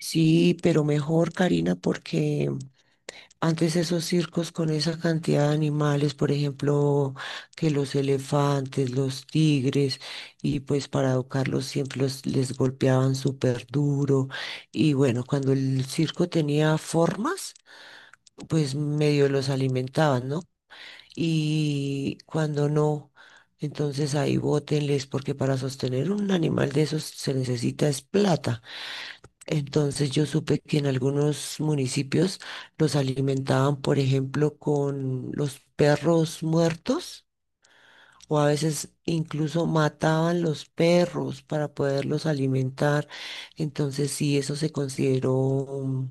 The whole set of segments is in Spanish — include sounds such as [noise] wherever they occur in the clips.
Sí, pero mejor, Karina, porque antes esos circos con esa cantidad de animales, por ejemplo, que los elefantes, los tigres, y pues para educarlos siempre les golpeaban súper duro. Y bueno, cuando el circo tenía formas, pues medio los alimentaban, ¿no? Y cuando no, entonces ahí bótenles, porque para sostener un animal de esos se necesita es plata. Entonces yo supe que en algunos municipios los alimentaban, por ejemplo, con los perros muertos o a veces incluso mataban los perros para poderlos alimentar. Entonces sí, eso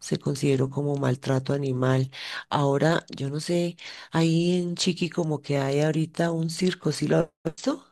se consideró como maltrato animal. Ahora, yo no sé, ahí en Chiqui como que hay ahorita un circo, ¿sí lo has visto?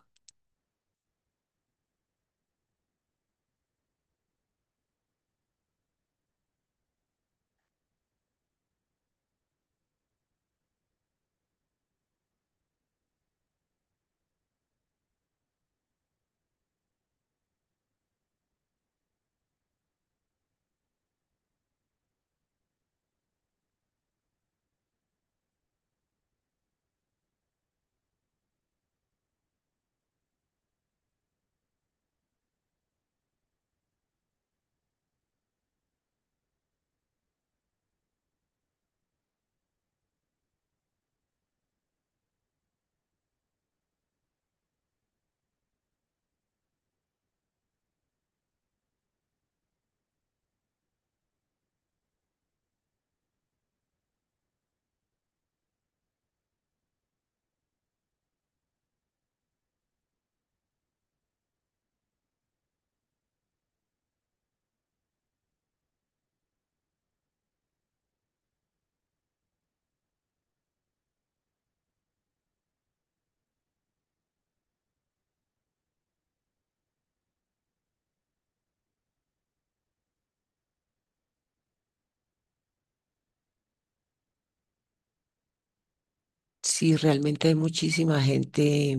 Sí, realmente hay muchísima gente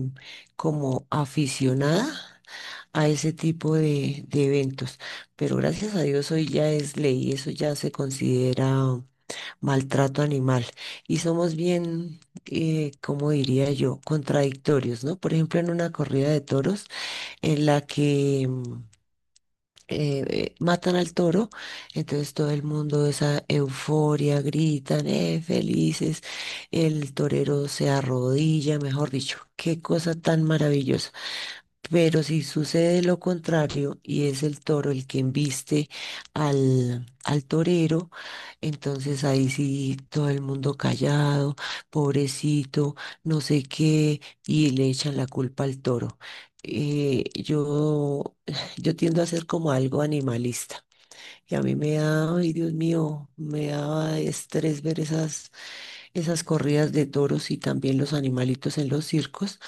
como aficionada a ese tipo de eventos. Pero gracias a Dios hoy ya es ley, eso ya se considera maltrato animal. Y somos bien, como diría yo, contradictorios, ¿no? Por ejemplo, en una corrida de toros en la que matan al toro, entonces todo el mundo esa euforia, gritan, felices, el torero se arrodilla, mejor dicho, qué cosa tan maravillosa. Pero si sucede lo contrario y es el toro el que embiste al torero, entonces ahí sí todo el mundo callado, pobrecito, no sé qué, y le echan la culpa al toro. Yo, [sighs] yo tiendo a ser como algo animalista. Y a mí me da, ay Dios mío, me da estrés ver esas esas corridas de toros y también los animalitos en los circos,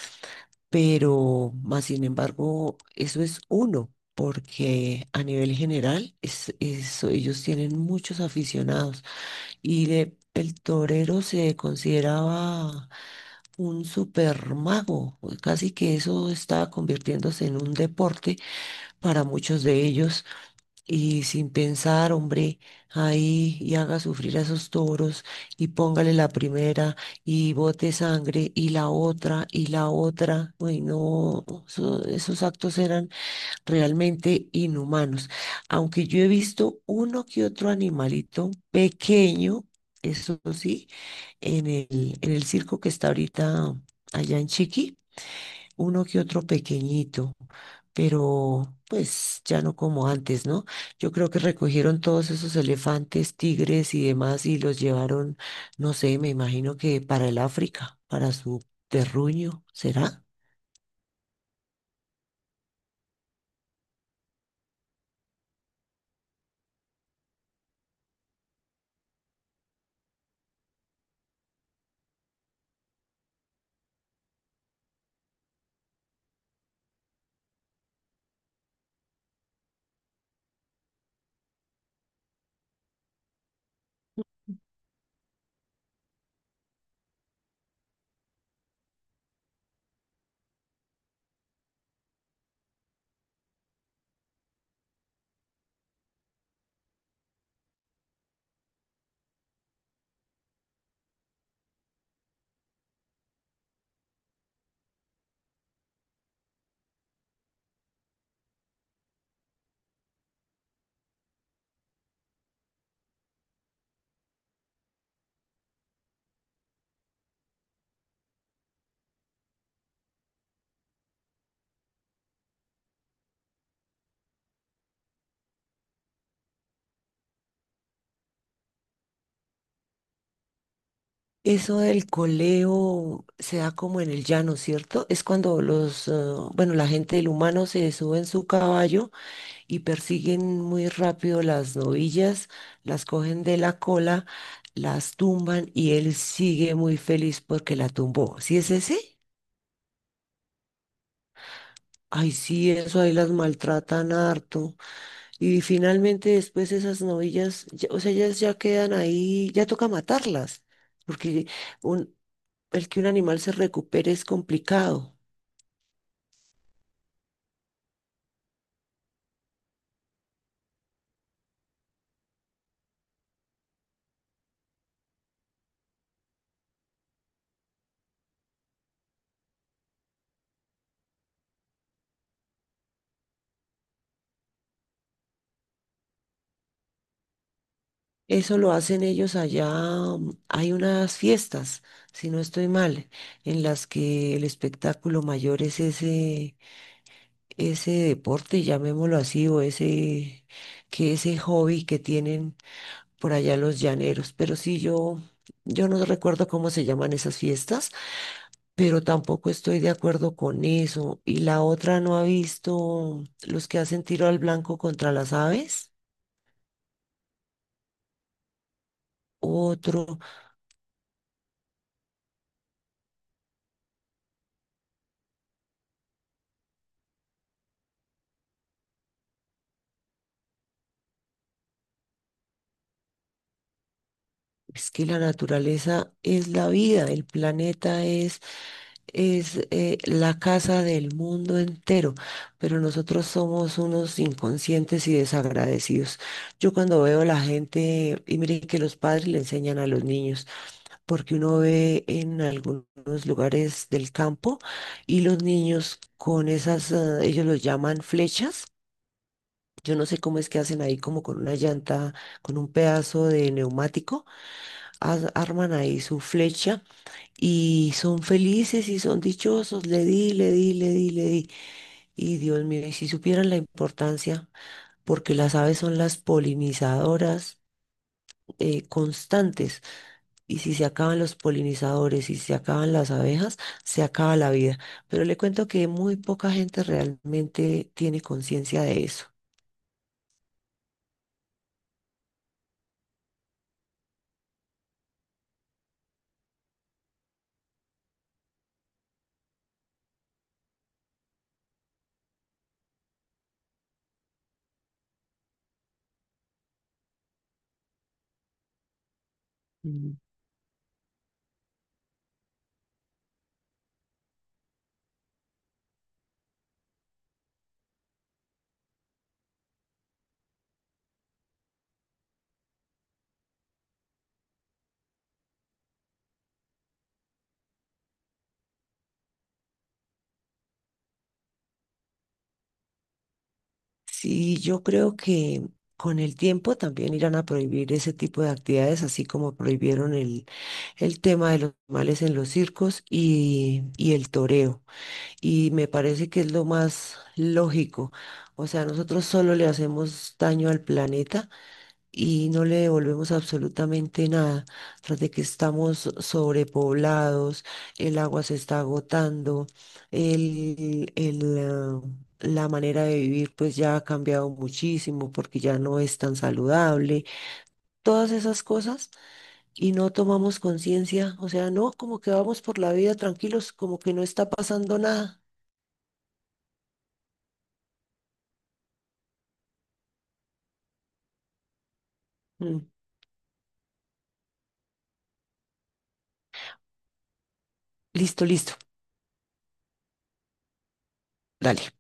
pero más sin embargo, eso es uno, porque a nivel general es, eso, ellos tienen muchos aficionados y el torero se consideraba un super mago casi que eso estaba convirtiéndose en un deporte para muchos de ellos y sin pensar, hombre, ahí y haga sufrir a esos toros y póngale la primera y bote sangre y la otra y la otra. Uy, no, esos actos eran realmente inhumanos. Aunque yo he visto uno que otro animalito pequeño, eso sí, en el circo que está ahorita allá en Chiqui uno que otro pequeñito, pero pues ya no como antes, ¿no? Yo creo que recogieron todos esos elefantes, tigres y demás y los llevaron, no sé, me imagino que para el África, para su terruño, ¿será? Eso del coleo se da como en el llano, ¿cierto? Es cuando los, bueno, la gente, el humano se sube en su caballo y persiguen muy rápido las novillas, las cogen de la cola, las tumban y él sigue muy feliz porque la tumbó. ¿Sí es ese? Ay, sí, eso ahí las maltratan harto. Y finalmente después esas novillas, o sea, ellas ya quedan ahí, ya toca matarlas, porque un- el que un animal se recupere es complicado. Eso lo hacen ellos allá. Mm, hay unas fiestas, si no estoy mal, en las que el espectáculo mayor es ese, ese deporte, llamémoslo así, o ese, que ese hobby que tienen por allá los llaneros. Pero sí, yo no recuerdo cómo se llaman esas fiestas, pero tampoco estoy de acuerdo con eso. Y la otra no ha visto los que hacen tiro al blanco contra las aves. Otro. Es que la naturaleza es la vida, el planeta es la casa del mundo entero, pero nosotros somos unos inconscientes y desagradecidos. Yo cuando veo a la gente, y miren que los padres le enseñan a los niños, porque uno ve en algunos lugares del campo y los niños con esas, ah, ellos los llaman flechas. Yo no sé cómo es que hacen ahí como con una llanta, con un pedazo de neumático arman ahí su flecha y son felices y son dichosos. Le di, le di, le di, le di. Y Dios mío, y si supieran la importancia, porque las aves son las polinizadoras constantes, y si se acaban los polinizadores y se acaban las abejas, se acaba la vida. Pero le cuento que muy poca gente realmente tiene conciencia de eso. Sí, yo creo que con el tiempo también irán a prohibir ese tipo de actividades, así como prohibieron el tema de los males en los circos y el toreo. Y me parece que es lo más lógico. O sea, nosotros solo le hacemos daño al planeta y no le devolvemos absolutamente nada. Tras de que estamos sobrepoblados, el agua se está agotando, el, el, ah, la manera de vivir pues ya ha cambiado muchísimo porque ya no es tan saludable. Todas esas cosas y no tomamos conciencia, o sea, no, como que vamos por la vida tranquilos, como que no está pasando nada. Mm, listo, listo. Dale.